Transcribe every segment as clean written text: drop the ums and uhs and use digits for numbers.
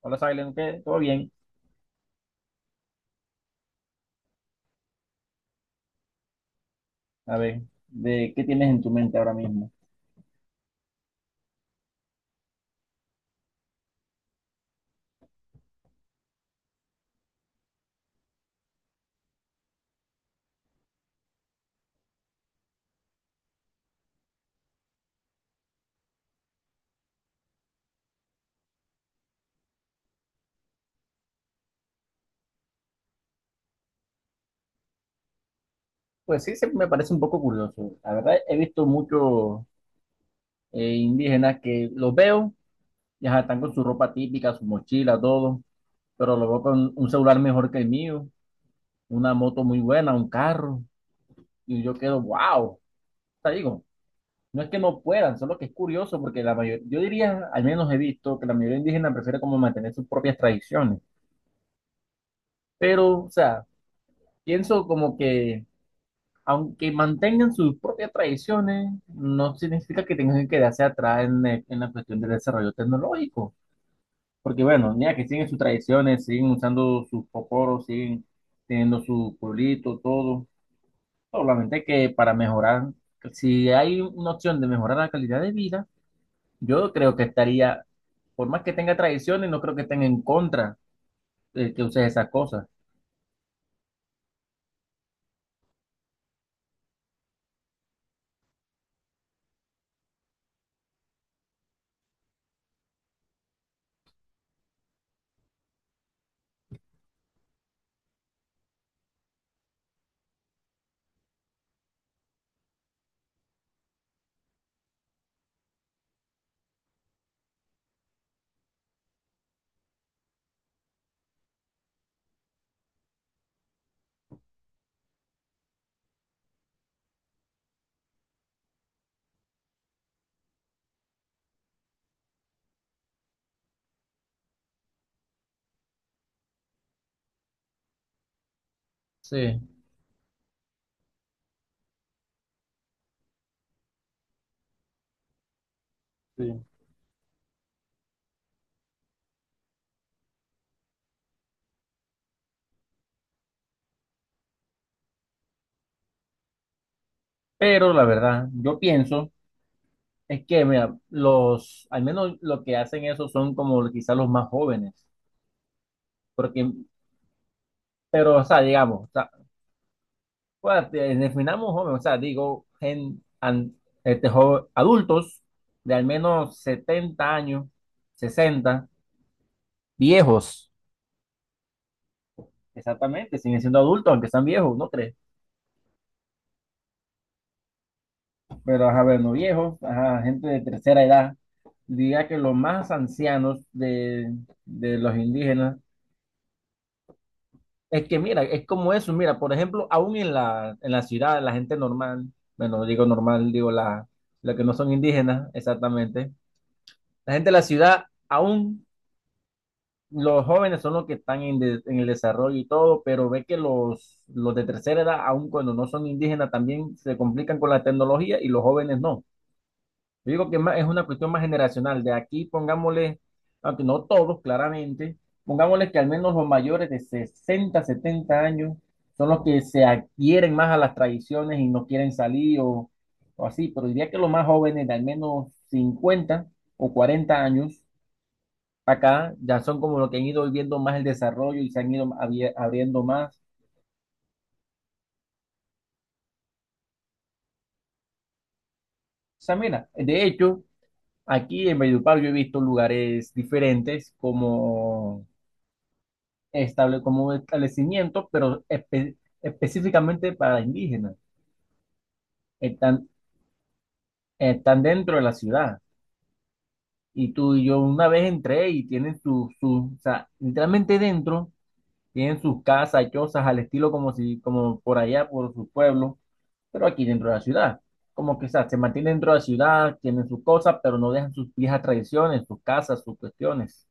Hola, Silent, ¿qué? ¿Todo bien? A ver, ¿de qué tienes en tu mente ahora mismo? Pues sí, siempre me parece un poco curioso. La verdad, he visto muchos indígenas que los veo, y ajá, están con su ropa típica, su mochila, todo, pero los veo con un celular mejor que el mío, una moto muy buena, un carro, y yo quedo, wow. Te digo, no es que no puedan, solo que es curioso porque la mayoría, yo diría, al menos he visto que la mayoría indígena prefiere como mantener sus propias tradiciones, pero, o sea, pienso como que aunque mantengan sus propias tradiciones, no significa que tengan que quedarse atrás en la cuestión del desarrollo tecnológico. Porque bueno, ya que siguen sus tradiciones, siguen usando sus poporos, siguen teniendo su pueblito, todo. Solamente que para mejorar, si hay una opción de mejorar la calidad de vida, yo creo que estaría, por más que tenga tradiciones, no creo que estén en contra de que uses esas cosas. Sí. Sí. Pero la verdad, yo pienso. Es que, mira, al menos lo que hacen eso son como quizás los más jóvenes, porque, pero, o sea, digamos, o sea, pues, definamos jóvenes, o sea, digo, este, adultos de al menos 70 años, 60 viejos, exactamente, siguen siendo adultos, aunque sean viejos, ¿no crees? Pero, ajá, bueno, no viejos, ajá, gente de tercera edad, diría que los más ancianos de los indígenas. Es que mira, es como eso, mira, por ejemplo, aún en la ciudad, la gente normal, bueno, digo normal, digo la que no son indígenas, exactamente, la gente de la ciudad, aún los jóvenes son los que están en el desarrollo y todo, pero ve que los de tercera edad, aún cuando no son indígenas, también se complican con la tecnología y los jóvenes no. Yo digo que es una cuestión más generacional. De aquí pongámosle, aunque no todos, claramente, pongámosle que al menos los mayores de 60 70 años son los que se adquieren más a las tradiciones y no quieren salir o así. Pero diría que los más jóvenes de al menos 50 o 40 años acá ya son como los que han ido viviendo más el desarrollo y se han ido abriendo más. O sea, mira, de hecho, aquí en Valledupar yo he visto lugares diferentes como estable, como establecimientos, pero específicamente para indígenas. Están, están dentro de la ciudad. Y tú y yo una vez entré y tienen sus, o sea, literalmente dentro, tienen sus casas, chozas, al estilo como si, como por allá, por su pueblo, pero aquí dentro de la ciudad. Como que, o sea, se mantienen dentro de la ciudad, tienen sus cosas, pero no dejan sus viejas tradiciones, sus casas, sus cuestiones.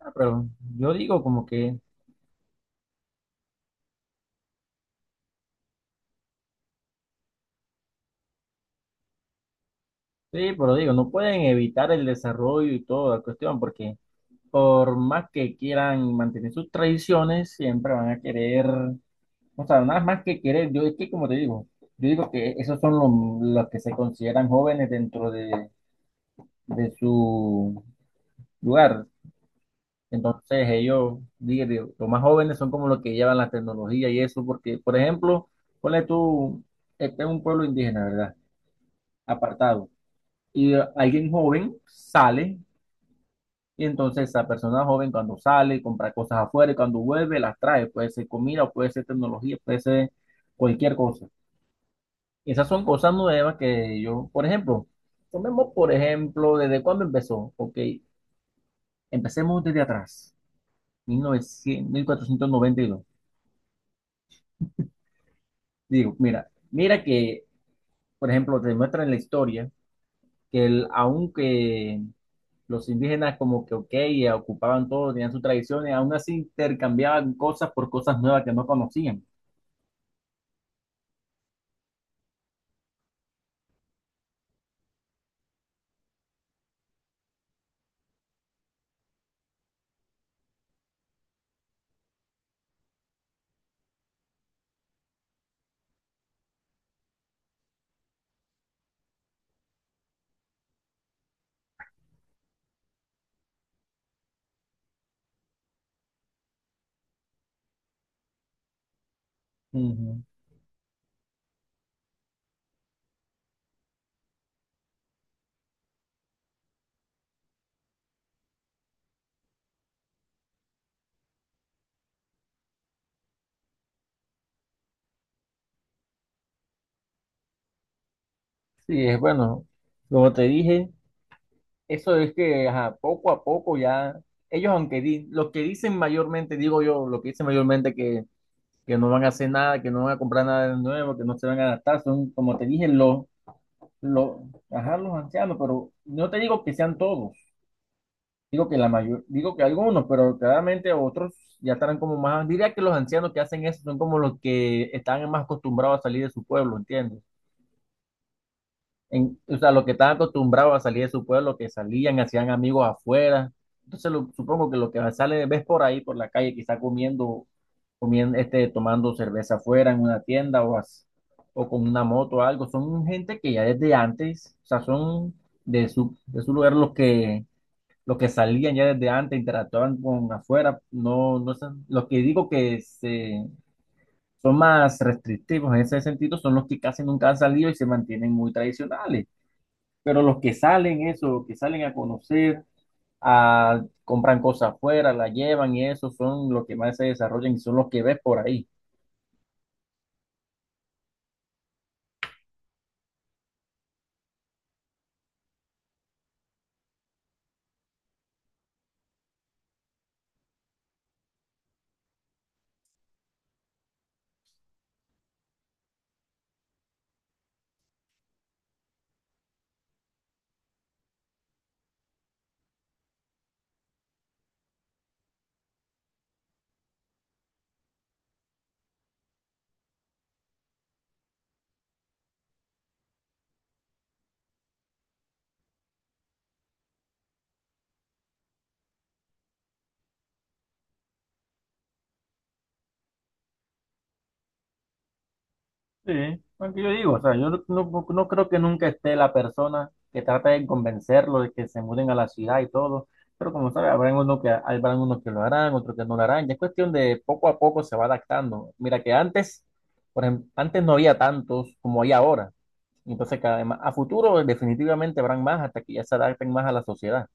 Ah, pero yo digo como que, sí, pero digo, no pueden evitar el desarrollo y toda la cuestión, porque por más que quieran mantener sus tradiciones, siempre van a querer, o sea, nada más que querer, yo es que como te digo, yo digo que esos son los que se consideran jóvenes dentro de su lugar. Entonces ellos, digo, los más jóvenes son como los que llevan la tecnología y eso, porque, por ejemplo, ponle tú, este es un pueblo indígena, ¿verdad? Apartado. Y alguien joven sale. Y entonces esa persona joven cuando sale, compra cosas afuera y cuando vuelve las trae. Puede ser comida, puede ser tecnología, puede ser cualquier cosa. Esas son cosas nuevas que yo, por ejemplo, tomemos por ejemplo, ¿desde cuándo empezó? Ok, empecemos desde atrás, mil mil novecientos mil cuatrocientos noventa y 1492. Digo, mira, mira que, por ejemplo, te muestra en la historia que el, aunque los indígenas como que, ok, ocupaban todo, tenían sus tradiciones, aún así intercambiaban cosas por cosas nuevas que no conocían. Ujú. Sí, es bueno, como te dije, eso es que ajá, poco a poco ya, ellos aunque los que dicen mayormente, digo yo, lo que dicen mayormente que no van a hacer nada, que no van a comprar nada de nuevo, que no se van a adaptar, son como te dije, los, ajá, los ancianos, pero no te digo que sean todos, digo que la mayor, digo que algunos, pero claramente otros ya estarán como más, diría que los ancianos que hacen eso son como los que están más acostumbrados a salir de su pueblo, ¿entiendes? En, o sea, los que estaban acostumbrados a salir de su pueblo, que salían, hacían amigos afuera. Entonces supongo que lo que sale, ves por ahí, por la calle, quizá comiendo, este, tomando cerveza afuera en una tienda o con una moto o algo, son gente que ya desde antes, o sea, son de su lugar los que salían ya desde antes, interactuaban con afuera, no, no son, los que digo que son más restrictivos en ese sentido son los que casi nunca han salido y se mantienen muy tradicionales. Pero los que salen eso, los que salen a conocer, compran cosas afuera, la llevan y eso son los que más se desarrollan y son los que ves por ahí. Sí, lo que yo digo, o sea, yo no creo que nunca esté la persona que trate de convencerlo de que se muden a la ciudad y todo, pero como sabes, habrán unos que lo harán, otros que no lo harán, ya es cuestión de poco a poco se va adaptando. Mira que antes, por ejemplo, antes no había tantos como hay ahora, entonces a futuro definitivamente habrán más hasta que ya se adapten más a la sociedad.